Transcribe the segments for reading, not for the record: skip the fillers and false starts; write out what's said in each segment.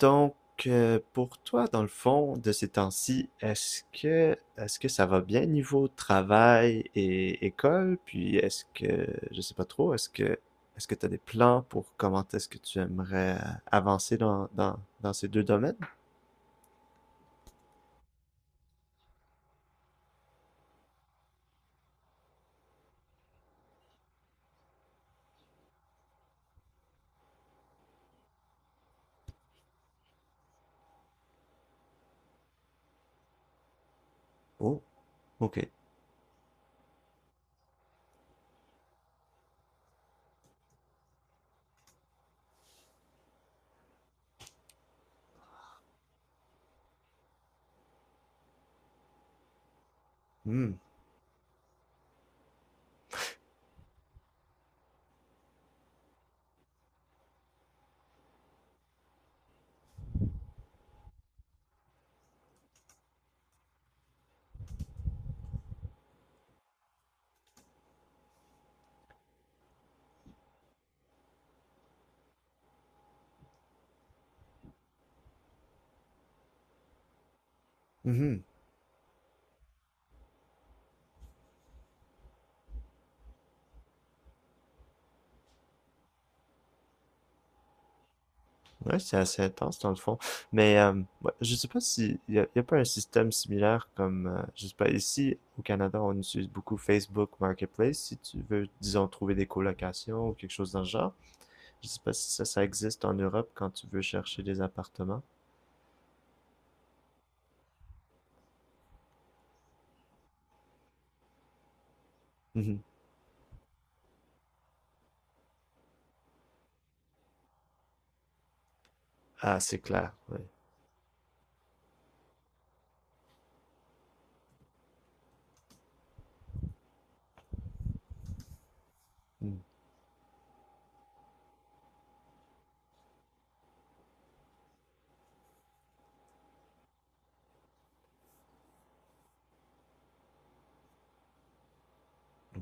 Donc, pour toi, dans le fond, de ces temps-ci, est-ce que ça va bien niveau travail et école? Puis est-ce que je sais pas trop, est-ce que tu as des plans pour comment est-ce que tu aimerais avancer dans ces deux domaines? Oh, ok. Hmm. Mhm. Ouais, c'est assez intense dans le fond. Mais ouais, je sais pas si y a pas un système similaire comme je sais pas, ici au Canada on utilise beaucoup Facebook Marketplace si tu veux, disons, trouver des colocations ou quelque chose dans le genre. Je sais pas si ça existe en Europe quand tu veux chercher des appartements. Mhm. Ah, c'est clair. Ouais. Mm.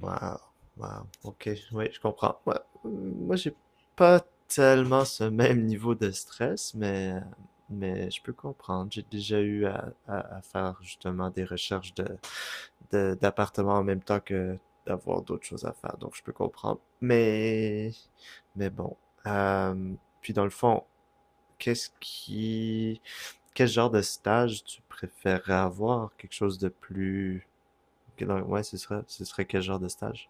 Waouh, waouh, OK, oui, je comprends. Ouais, moi, j'ai pas tellement ce même niveau de stress, mais je peux comprendre. J'ai déjà eu à, à faire justement des recherches de, d'appartements en même temps que d'avoir d'autres choses à faire, donc je peux comprendre. Mais bon. Euh, puis dans le fond, qu'est-ce qui, quel genre de stage tu préférerais avoir? Quelque chose de plus... Ouais, ce serait quel genre de stage?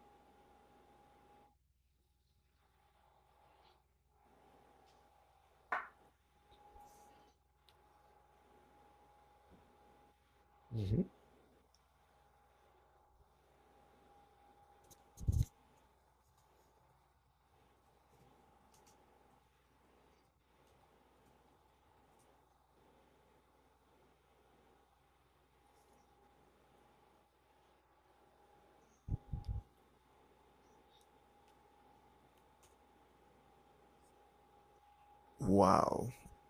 Wow!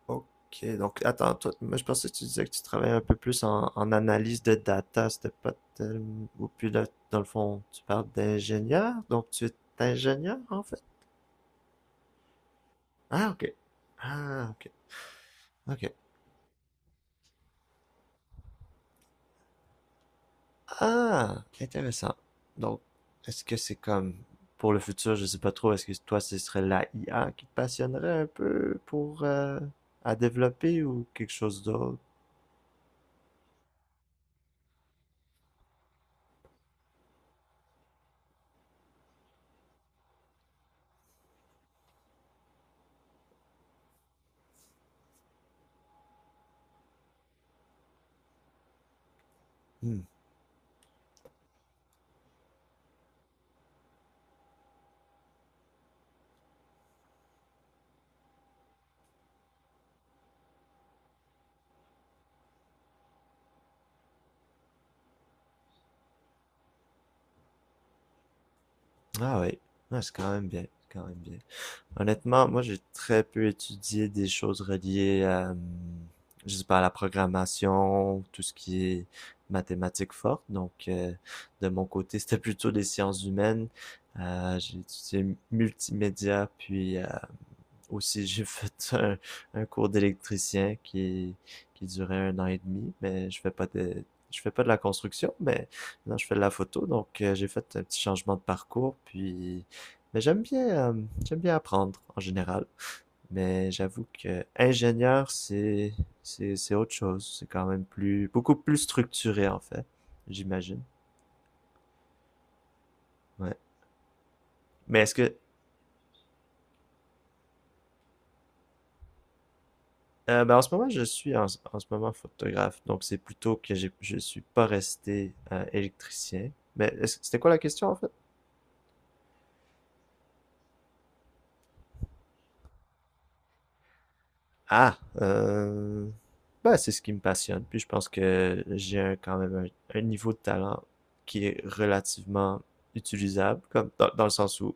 OK. Donc, attends, toi, moi, je pensais que tu disais que tu travaillais un peu plus en, en analyse de data. C'était pas tellement. Ou puis là, dans le fond, tu parles d'ingénieur. Donc, tu es ingénieur, en fait? Ah, OK. Ah, OK. OK. Ah, intéressant. Donc, est-ce que c'est comme. Pour le futur, je sais pas trop, est-ce que toi, ce serait la IA qui te passionnerait un peu pour. À développer ou quelque chose d'autre? Hmm. Ah, oui. Ah, c'est quand même bien. C'est quand même bien. Honnêtement, moi, j'ai très peu étudié des choses reliées à, je sais pas, à la programmation, tout ce qui est mathématiques fortes. Donc, de mon côté, c'était plutôt des sciences humaines. J'ai étudié multimédia, puis aussi, j'ai fait un cours d'électricien qui durait un an et demi, mais je fais pas de, je fais pas de la construction, mais non, je fais de la photo, donc j'ai fait un petit changement de parcours, puis mais j'aime bien apprendre en général. Mais j'avoue que ingénieur, c'est autre chose. C'est quand même plus, beaucoup plus structuré en fait, j'imagine. Ouais. Mais ben, en ce moment, en ce moment photographe, donc c'est plutôt que j'ai, je suis pas resté électricien. Mais est-ce- c'était quoi la question en fait? Ah, ben, c'est ce qui me passionne. Puis je pense que j'ai un- quand même un niveau de talent qui est relativement utilisable, comme dans le sens où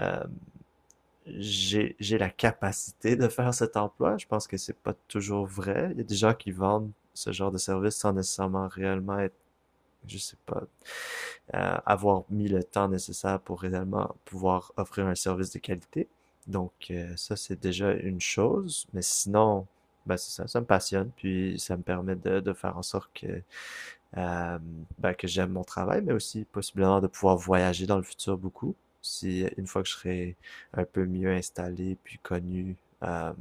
euh, j'ai la capacité de faire cet emploi. Je pense que c'est pas toujours vrai. Il y a des gens qui vendent ce genre de service sans nécessairement réellement être, je sais pas, avoir mis le temps nécessaire pour réellement pouvoir offrir un service de qualité. Donc, ça, c'est déjà une chose. Mais sinon, ben, c'est ça, ça me passionne. Puis, ça me permet de faire en sorte que, euh, ben, que j'aime mon travail, mais aussi possiblement de pouvoir voyager dans le futur beaucoup. Si une fois que je serai un peu mieux installé puis connu euh,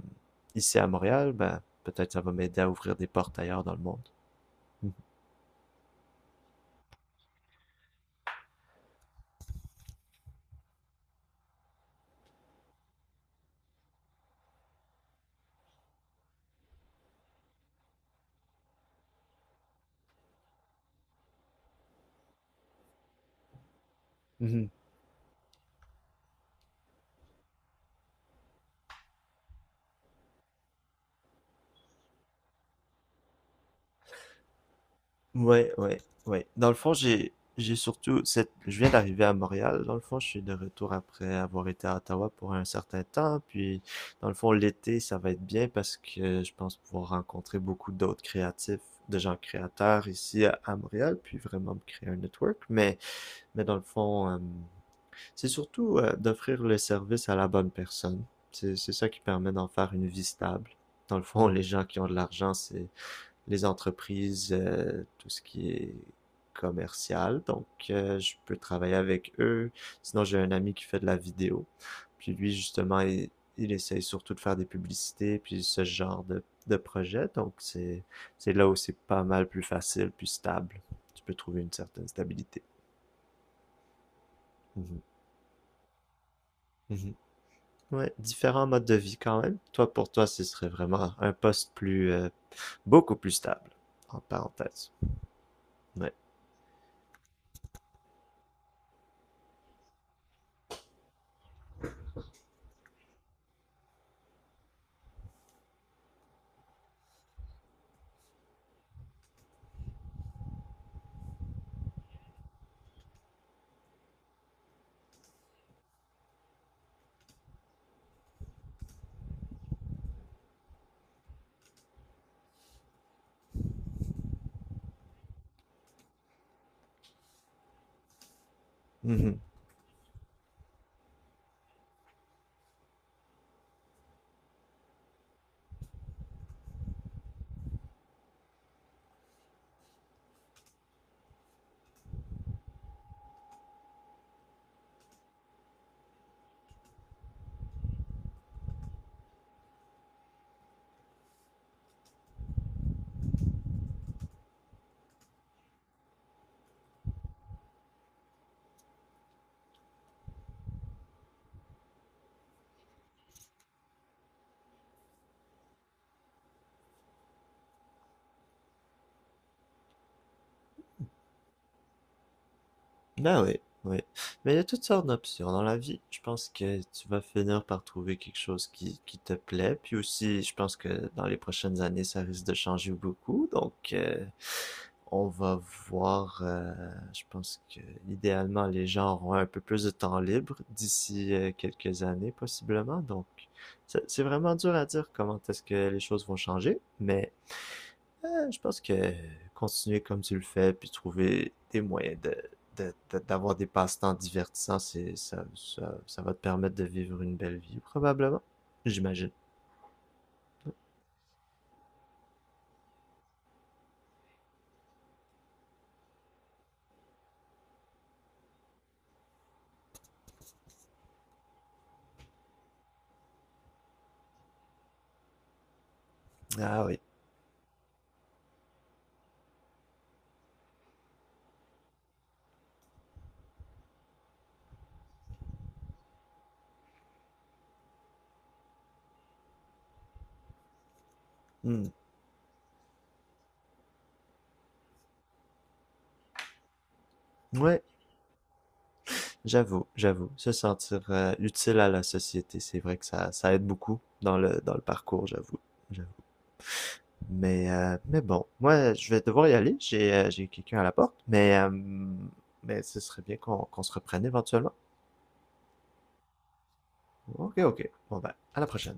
ici à Montréal, ben, peut-être ça va m'aider à ouvrir des portes ailleurs dans le monde. Mhm. Ouais, ouais, ouais. Dans le fond, j'ai surtout cette je viens d'arriver à Montréal. Dans le fond, je suis de retour après avoir été à Ottawa pour un certain temps. Puis, dans le fond, l'été, ça va être bien parce que je pense pouvoir rencontrer beaucoup d'autres créatifs, de gens créateurs ici à Montréal, puis vraiment me créer un network. Mais dans le fond, c'est surtout d'offrir le service à la bonne personne. C'est ça qui permet d'en faire une vie stable. Dans le fond, les gens qui ont de l'argent, c'est les entreprises, tout ce qui est commercial. Donc, je peux travailler avec eux. Sinon, j'ai un ami qui fait de la vidéo. Puis lui, justement, il essaye surtout de faire des publicités, puis ce genre de projet. Donc, c'est là où c'est pas mal plus facile, plus stable. Tu peux trouver une certaine stabilité. Mhm. Mhm. Ouais, différents modes de vie quand même. Toi, pour toi, ce serait vraiment un poste plus, beaucoup plus stable, en parenthèse. Ouais. Mhm. Ben oui, oui. Mais il y a toutes sortes d'options dans la vie. Je pense que tu vas finir par trouver quelque chose qui te plaît. Puis aussi, je pense que dans les prochaines années, ça risque de changer beaucoup. Donc, on va voir. Je pense que idéalement, les gens auront un peu plus de temps libre d'ici quelques années, possiblement. Donc, c'est vraiment dur à dire comment est-ce que les choses vont changer. Mais je pense que continuer comme tu le fais, puis trouver des moyens de, d'avoir des passe-temps divertissants, c'est, ça va te permettre de vivre une belle vie, probablement. J'imagine. Ah oui. Hmm. Ouais, j'avoue, j'avoue. Se sentir utile à la société, c'est vrai que ça aide beaucoup dans le parcours, j'avoue. J'avoue. Mais bon, moi, je vais devoir y aller. J'ai quelqu'un à la porte, mais ce serait bien qu'on se reprenne éventuellement. Ok, ok. Bon ben, à la prochaine.